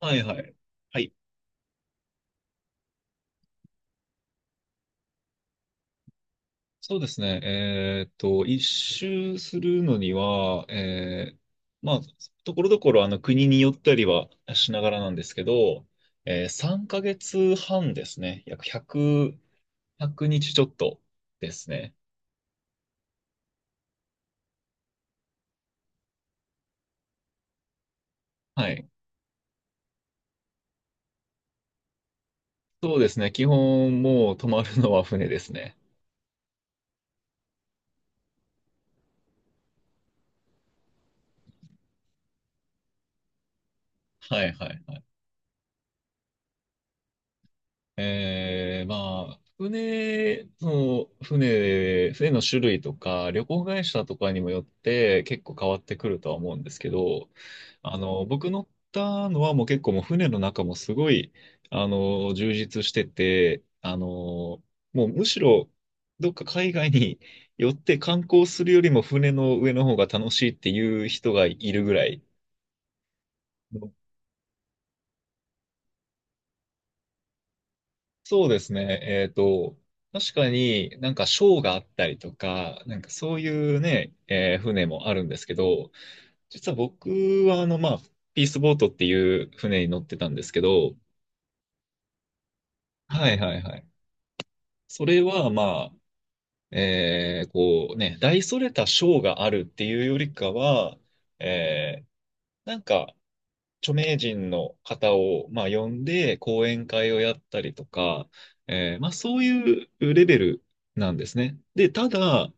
はいはい。はい。そうですね。一周するのには、まあ、ところどころ国によったりはしながらなんですけど、3ヶ月半ですね。約1 0 100日ちょっとですね。はい。そうですね。基本もう泊まるのは船ですね。はいはいはい。船の種類とか、旅行会社とかにもよって結構変わってくるとは思うんですけど、僕乗ったのはもう結構もう船の中もすごい、充実してて、むしろどっか海外に 寄って観光するよりも船の上の方が楽しいっていう人がいるぐらい。そうですね。確かになんかショーがあったりとか、なんかそういうね、船もあるんですけど、実は僕はピースボートっていう船に乗ってたんですけど、はいはいはい。それはまあ、大それたショーがあるっていうよりかは、えーなんか著名人の方を、まあ、呼んで講演会をやったりとか、まあ、そういうレベルなんですね。で、ただ、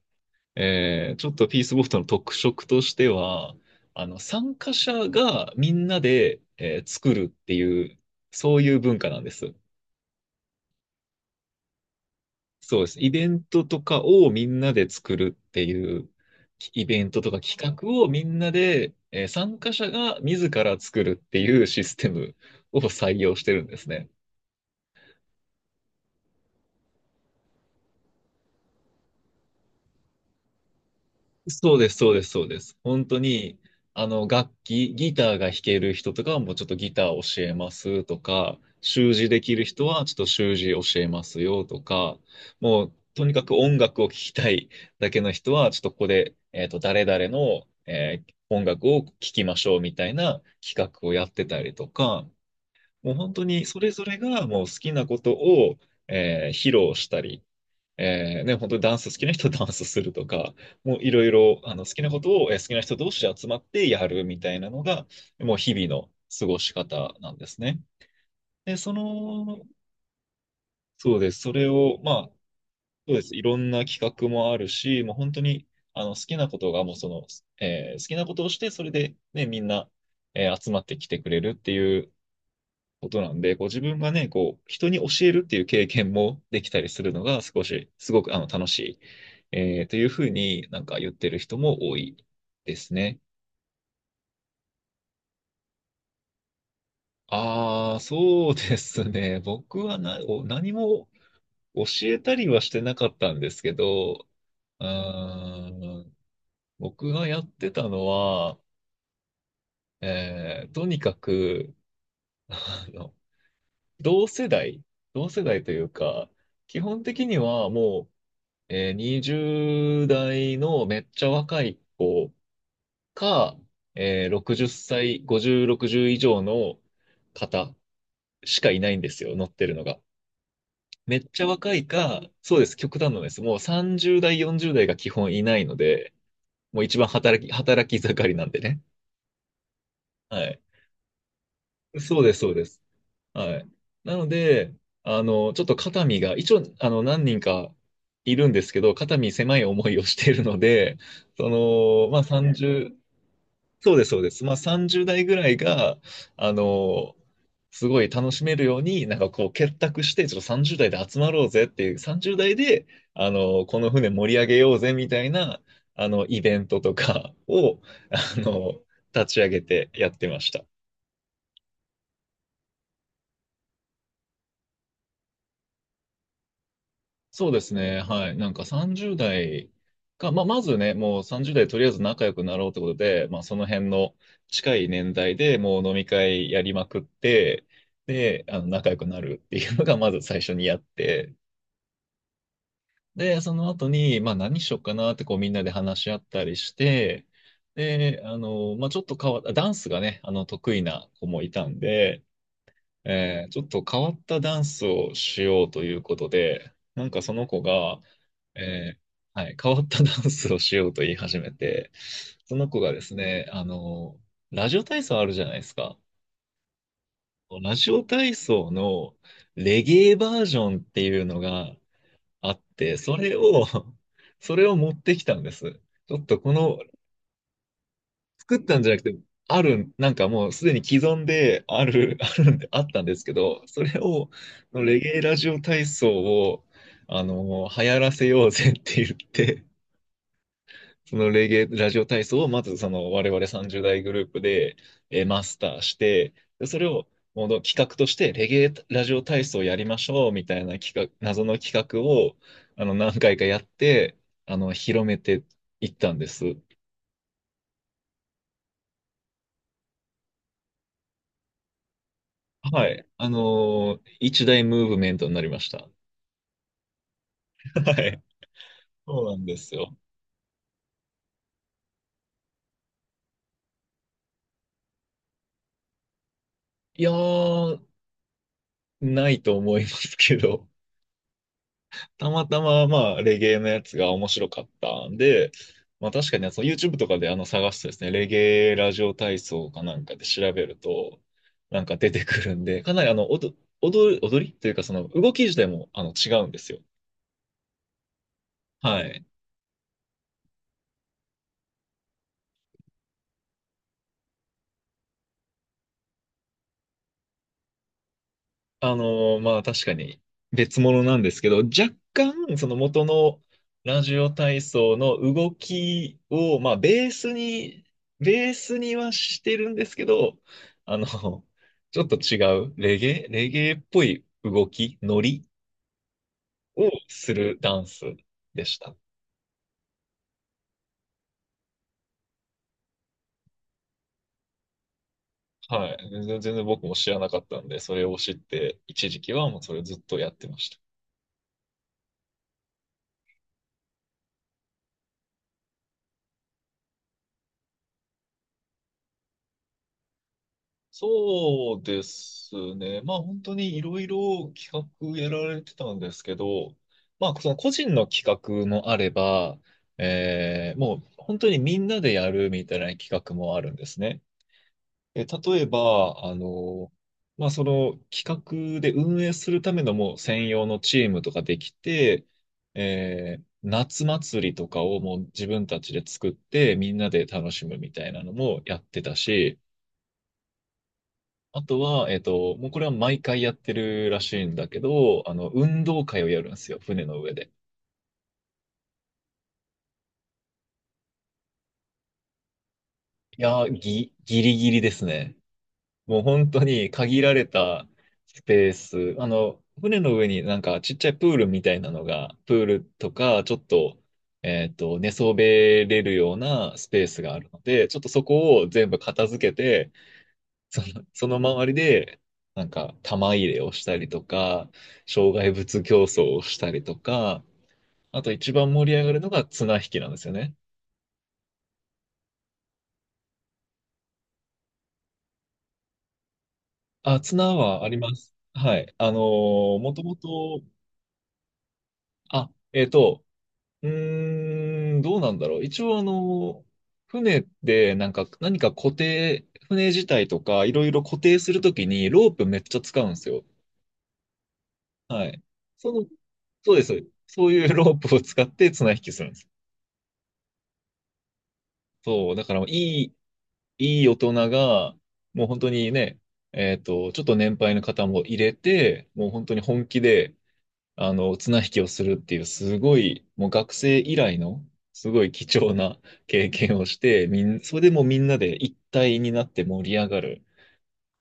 ちょっとピースボフトの特色としては、参加者がみんなで、作るっていう、そういう文化なんです。そうです。イベントとかをみんなで作るっていう、イベントとか企画をみんなで、参加者が自ら作るっていうシステムを採用してるんですね。そうです、そうです、そうです。本当に、楽器、ギターが弾ける人とかはもうちょっとギター教えますとか、習字できる人はちょっと習字教えますよとか、もうとにかく音楽を聴きたいだけの人は、ちょっとここで、誰々の、音楽を聴きましょうみたいな企画をやってたりとか、もう本当にそれぞれがもう好きなことを、披露したり、ね、本当にダンス好きな人は ダンスするとか、もういろいろ好きなことを、好きな人同士で集まってやるみたいなのが、もう日々の過ごし方なんですね。で、その、そうです。それを、まあ、そうです。いろんな企画もあるし、もう本当に好きなことがもうその、好きなことをして、それで、ね、みんな、集まってきてくれるっていうことなんで、こう自分がね、こう、人に教えるっていう経験もできたりするのが少し、すごく楽しい、というふうになんか言ってる人も多いですね。ああ、そうですね。僕は何も教えたりはしてなかったんですけど、うーん、僕がやってたのは、とにかく、あの、同世代、同世代というか、基本的にはもう、20代のめっちゃ若い子か、60歳、50、60以上の方しかいないんですよ、乗ってるのが。めっちゃ若いか、そうです、極端なんです。もう30代、40代が基本いないので、もう一番働き盛りなんでね。はい。そうです、そうです。はい。なので、ちょっと肩身が、一応、何人かいるんですけど、肩身狭い思いをしているので、その、まあ、ね。30、そうです、そうです。まあ、30代ぐらいが、あの、すごい楽しめるように、なんかこう、結託して、ちょっと30代で集まろうぜっていう、30代で、この船盛り上げようぜみたいな、イベントとかを、あの、立ち上げてやってました。そうですね。はい。なんか30代が、まあ、まずね、もう30代とりあえず仲良くなろうってことで、まあ、その辺の近い年代でもう飲み会やりまくって、で、仲良くなるっていうのが まず最初にやって、で、その後に、まあ、何しよっかなってこうみんなで話し合ったりして、で、まあ、ちょっと変わった、ダンスがね、得意な子もいたんで、ちょっと変わったダンスをしようということで、なんかその子が、えーはい、変わったダンスをしようと言い始めて、その子がですね、ラジオ体操あるじゃないですか。ラジオ体操のレゲエバージョンっていうのがあって、それを、それを持ってきたんです。ちょっと作ったんじゃなくて、なんかもうすでに既存である、あるんで、あったんですけど、それを、レゲエラジオ体操を、流行らせようぜって言って、そのレゲエラジオ体操をまずその我々30代グループで、マスターして、でそれをもう企画としてレゲエラジオ体操やりましょうみたいな企画、謎の企画を何回かやって、広めていったんです。はい。一大ムーブメントになりました。はい。そうなんですよ。いやー、ないと思いますけど、たまたま、まあ、レゲエのやつが面白かったんで、まあ確かに、その YouTube とかで探すとですね、レゲエラジオ体操かなんかで調べると、なんか出てくるんで、かなり踊る、踊りというか、その動き自体も違うんですよ。はい。まあ確かに別物なんですけど、若干その元のラジオ体操の動きを、まあベースに、ベースにはしてるんですけど、あの、ちょっと違う、レゲエ、レゲエっぽい動き、ノリをするダンスでした。はい。全然全然僕も知らなかったんで、それを知って、一時期はもうそれをずっとやってました。そうですね。まあ本当にいろいろ企画やられてたんですけど、まあその個人の企画もあれば、もう本当にみんなでやるみたいな企画もあるんですね。え、例えば、まあその企画で運営するためのもう専用のチームとかできて、夏祭りとかをもう自分たちで作ってみんなで楽しむみたいなのもやってたし、あとは、もうこれは毎回やってるらしいんだけど、運動会をやるんですよ、船の上で。いやー、ギリギリですね。もう本当に限られたスペース。船の上になんかちっちゃいプールみたいなのが、プールとか、ちょっと、寝そべれるようなスペースがあるので、ちょっとそこを全部片付けて、その周りで、なんか、玉入れをしたりとか、障害物競争をしたりとか、あと一番盛り上がるのが綱引きなんですよね。あ、綱はあります。はい。もともと、あ、えっと、うーん、どうなんだろう。一応船でなんか、何か固定、船自体とか、いろいろ固定するときにロープめっちゃ使うんですよ。はい。その、そうです。そういうロープを使って綱引きするんです。そう。だからいい大人が、もう本当にね、ちょっと年配の方も入れて、もう本当に本気で、綱引きをするっていう、すごい、もう学生以来の、すごい貴重な経験をして、それでもうみんなで一体になって盛り上がる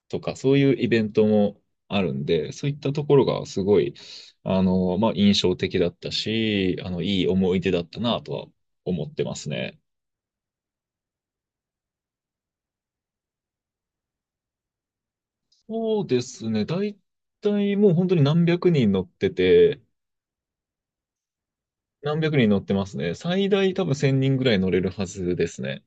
とか、そういうイベントもあるんで、そういったところがすごい、印象的だったし、いい思い出だったなとは思ってますね。そうですね。だいたいもう本当に何百人乗ってて、何百人乗ってますね。最大多分1000人ぐらい乗れるはずですね。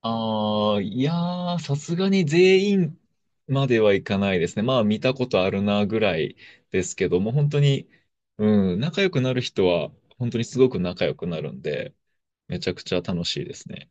ああ、いやー、さすがに全員まではいかないですね。まあ見たことあるなぐらいですけども、本当に、うん、仲良くなる人は本当にすごく仲良くなるんで、めちゃくちゃ楽しいですね。